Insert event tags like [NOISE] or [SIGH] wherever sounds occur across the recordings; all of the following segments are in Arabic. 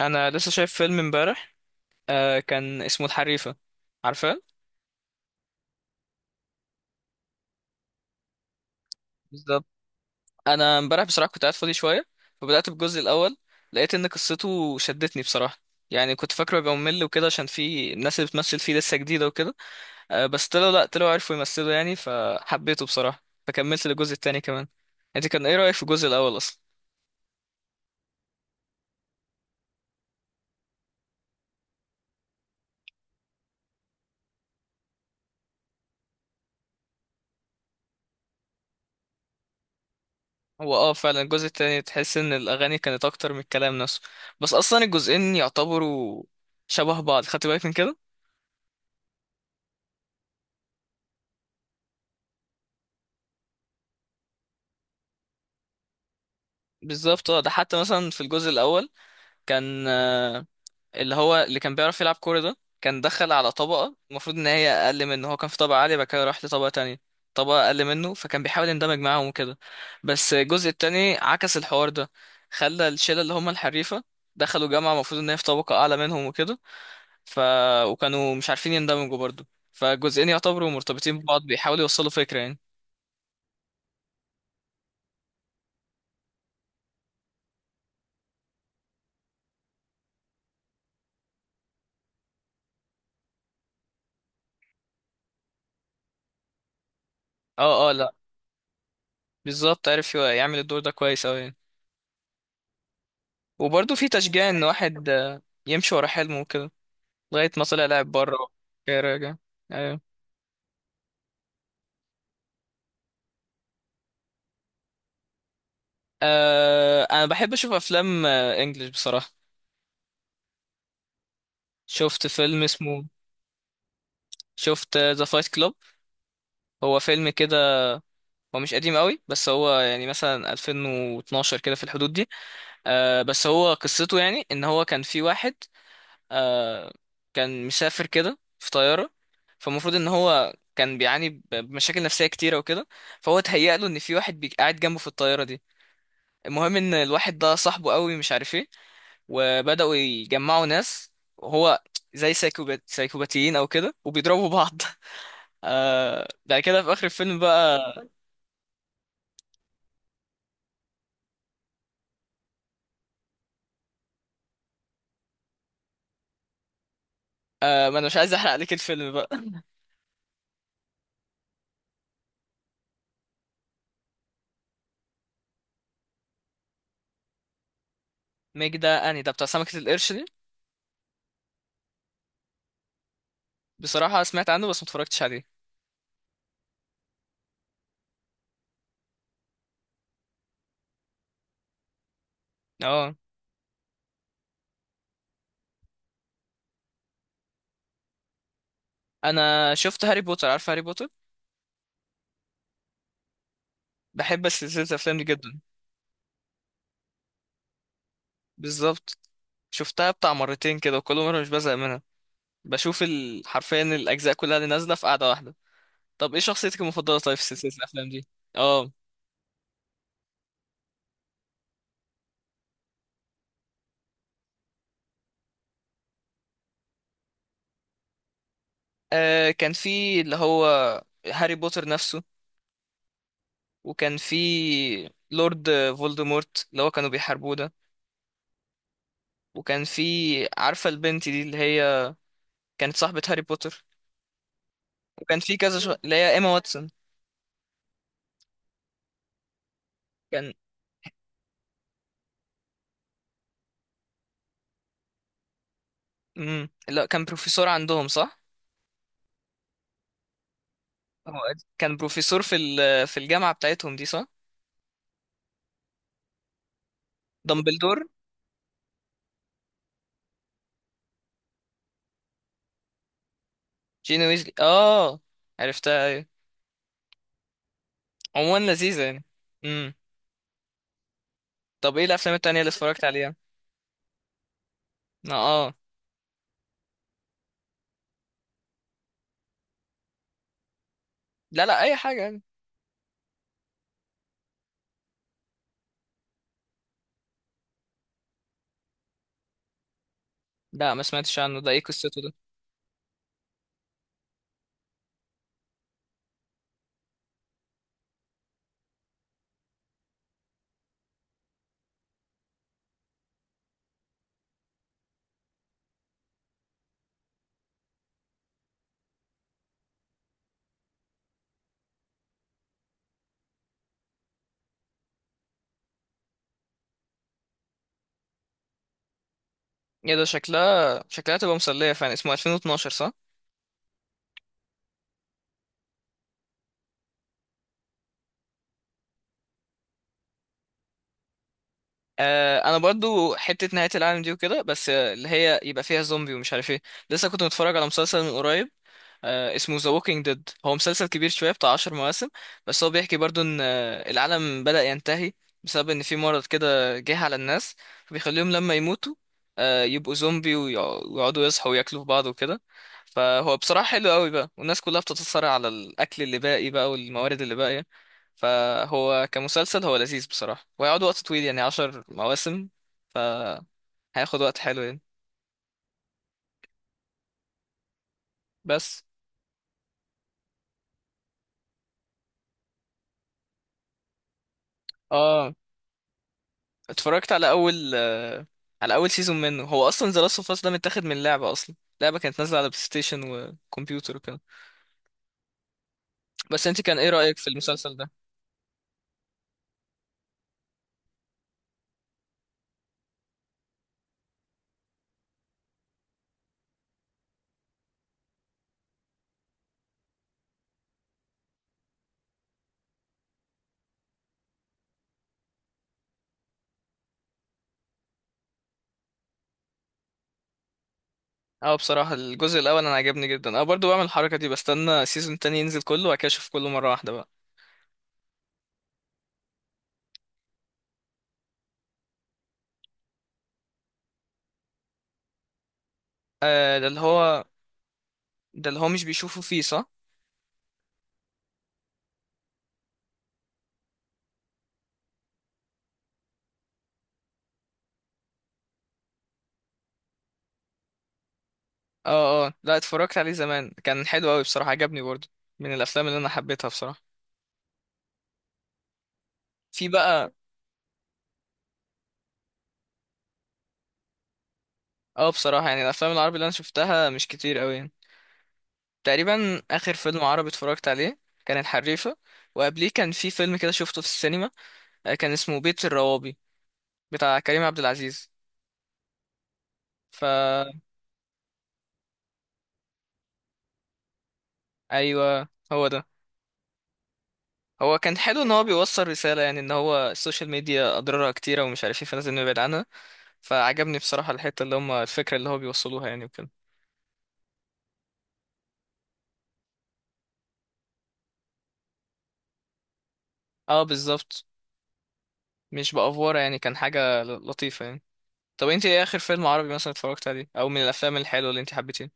انا لسه شايف فيلم امبارح. آه، كان اسمه الحريفه. عارفاه؟ بالظبط. انا امبارح بصراحه كنت قاعد فاضي شويه، فبدات بالجزء الاول. لقيت ان قصته شدتني بصراحه. يعني كنت فاكره يبقى ممل وكده، عشان في الناس اللي بتمثل فيه لسه جديده وكده. آه بس طلعوا، لا طلعوا عرفوا يمثلوا يعني، فحبيته بصراحه فكملت للجزء التاني كمان. انت كان ايه رايك في الجزء الاول اصلا؟ هو فعلا الجزء التاني تحس ان الاغاني كانت اكتر من الكلام نفسه. بس اصلا الجزئين يعتبروا شبه بعض. خدت بالك من كده؟ بالظبط. اه، ده حتى مثلا في الجزء الاول كان آه، اللي هو اللي كان بيعرف يلعب كوره ده، كان دخل على طبقه المفروض ان هي اقل منه. هو كان في طبقه عاليه، بعد كده راح لطبقه تانية، طبقه اقل منه، فكان بيحاول يندمج معاهم وكده. بس الجزء التاني عكس الحوار ده، خلى الشله اللي هم الحريفه دخلوا جامعه المفروض ان هي في طبقه اعلى منهم وكده. ف وكانوا مش عارفين يندمجوا برضه. فالجزئين يعتبروا مرتبطين ببعض، بيحاولوا يوصلوا فكره يعني. اه، اه، لا. بالظبط، عارف يعمل الدور ده كويس اوي يعني. وبرضه في تشجيع ان واحد يمشي ورا حلمه وكده. لغايه ما طلع لاعب بره. راجع. ايوه. انا بحب اشوف افلام انجلش بصراحه. شفت فيلم اسمه شفت ذا فايت كلوب. هو فيلم كده. هو مش قديم قوي بس هو يعني مثلا 2012 كده في الحدود دي. بس هو قصته يعني ان هو كان في واحد آه كان مسافر كده في طيارة. فالمفروض ان هو كان بيعاني بمشاكل نفسية كتيرة وكده. فهو اتهيأ له ان في واحد قاعد جنبه في الطيارة دي. المهم ان الواحد ده صاحبه قوي مش عارف ايه. وبدأوا يجمعوا ناس، وهو زي سايكوبات سايكوباتيين او كده وبيضربوا بعض [LAUGHS] بعد كده في اخر الفيلم بقى. ما انا مش عايز احرق عليك الفيلم بقى [LAUGHS] ميج ده اني ده بتاع سمكة القرش دي؟ بصراحة سمعت عنه بس ما اتفرجتش عليه. اه، انا شفت هاري بوتر. عارف هاري بوتر؟ بحب سلسلة الأفلام دي جدا. بالظبط. شفتها بتاع مرتين كده وكل مرة مش بزهق منها. بشوف حرفيا الأجزاء كلها اللي نازلة في قعدة واحدة. طب إيه شخصيتك المفضلة طيب في سلسلة الأفلام دي؟ آه كان في اللي هو هاري بوتر نفسه. وكان في لورد فولدمورت اللي هو كانوا بيحاربوه ده. وكان في، عارفة البنت دي اللي هي كانت صاحبة هاري بوتر؟ وكان في كذا اللي هي إيما واتسون. كان مم. لا، كان بروفيسور عندهم، صح؟ هو كان بروفيسور في الجامعة بتاعتهم دي، صح؟ دامبلدور. جين ويزلي، اه. عرفتها، ايوه. عموما لذيذة يعني. امم طب ايه الافلام التانية اللي اتفرجت عليها؟ اه، لا لا، اي حاجة يعني. لا، ما سمعتش عنه. ده ايه قصته ده؟ ايه ده؟ شكلها تبقى مسلية فعلا. اسمه 2012، صح؟ انا برضو حتة نهاية العالم دي وكده، بس اللي هي يبقى فيها زومبي ومش عارف ايه. لسه كنت متفرج على مسلسل من قريب. اسمه ذا ووكينج ديد. هو مسلسل كبير شوية بتاع 10 مواسم. بس هو بيحكي برضو ان العالم بدأ ينتهي، بسبب ان في مرض كده جه على الناس. فبيخليهم لما يموتوا يبقوا زومبي، ويقعدوا يصحوا وياكلوا في بعض وكده. فهو بصراحة حلو قوي بقى، والناس كلها بتتصارع على الأكل اللي باقي بقى والموارد اللي باقية. فهو كمسلسل هو لذيذ بصراحة، وهيقعد وقت طويل يعني 10 مواسم. فهياخد وقت حلو يعني. بس. اه، اتفرجت على اول آه، على اول سيزون منه. هو اصلا ذا لاست اوف اس ده متاخد من لعبه اصلا. لعبه كانت نازله على بلاي ستيشن وكمبيوتر وكده. بس انت كان ايه رايك في المسلسل ده؟ اه، بصراحه الجزء الاول انا عجبني جدا. انا برضو بعمل الحركه دي، بستنى سيزون تاني ينزل كله وبعد كده اشوف كله مره واحده بقى. آه ده اللي هو ده اللي هو مش بيشوفه فيه، صح؟ اه، اه، لا، اتفرجت عليه زمان. كان حلو قوي بصراحه، عجبني برضو. من الافلام اللي انا حبيتها بصراحه. في بقى. اه، بصراحه يعني الافلام العربي اللي انا شفتها مش كتير قوي. تقريبا اخر فيلم عربي اتفرجت عليه كان الحريفه. وقبليه كان في فيلم كده شفته في السينما، كان اسمه بيت الروابي بتاع كريم عبد العزيز. فا ايوه، هو ده. هو كان حلو ان هو بيوصل رساله يعني، ان هو السوشيال ميديا اضرارها كتيره ومش عارف ايه، فلازم نبعد عنها. فعجبني بصراحه الحته اللي هم الفكره اللي هو بيوصلوها يعني وكده. اه، بالظبط. مش بافوره يعني. كان حاجه لطيفه يعني. طب انت ايه اخر فيلم عربي مثلا اتفرجت عليه، او من الافلام الحلوه اللي انت حبيتيه؟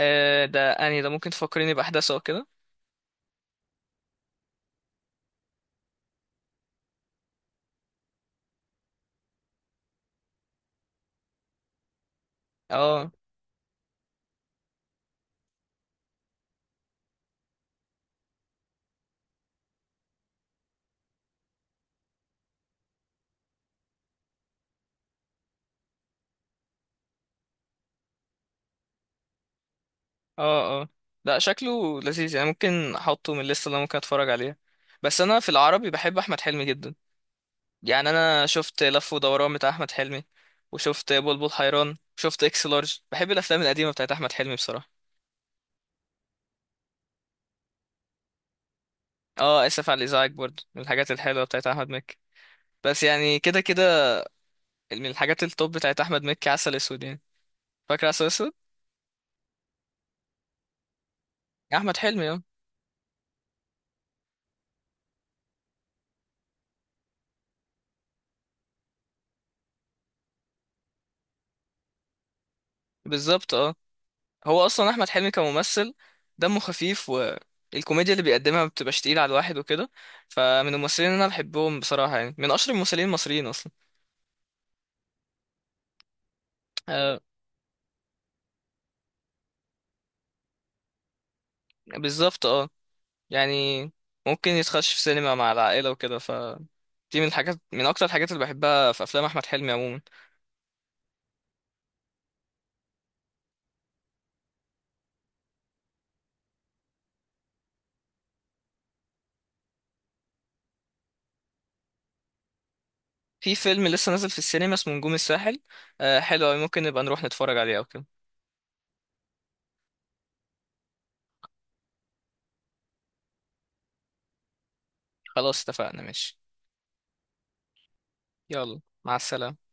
آه، ده اني ده؟ ممكن تفكريني باحداثه او كده؟ اه، اه. اه لا، شكله لذيذ يعني، ممكن احطه من الليسته اللي انا ممكن اتفرج عليها. بس انا في العربي بحب احمد حلمي جدا. يعني انا شفت لف ودوران بتاع احمد حلمي، وشفت بلبل حيران وشفت اكس لارج. بحب الافلام القديمه بتاعت احمد حلمي بصراحه. اه، اسف على الازعاج برضه من الحاجات الحلوه بتاعت احمد مكي. بس يعني كده كده. من الحاجات التوب بتاعت احمد مكي عسل اسود يعني. فاكر عسل اسود؟ احمد حلمي، اه. بالظبط، اه. هو اصلا احمد حلمي كممثل دمه خفيف، والكوميديا اللي بيقدمها ما بتبقاش تقيله على الواحد وكده. فمن الممثلين اللي انا بحبهم بصراحه يعني، من اشهر الممثلين المصريين اصلا. آه. بالظبط، اه. يعني ممكن يتخش في سينما مع العائله وكده، فدي من اكتر الحاجات اللي بحبها في افلام احمد حلمي عموما. في فيلم لسه نازل في السينما اسمه نجوم الساحل. حلو أوي، ممكن نبقى نروح نتفرج عليه او كده. خلاص اتفقنا، ماشي. يلا، مع السلامه.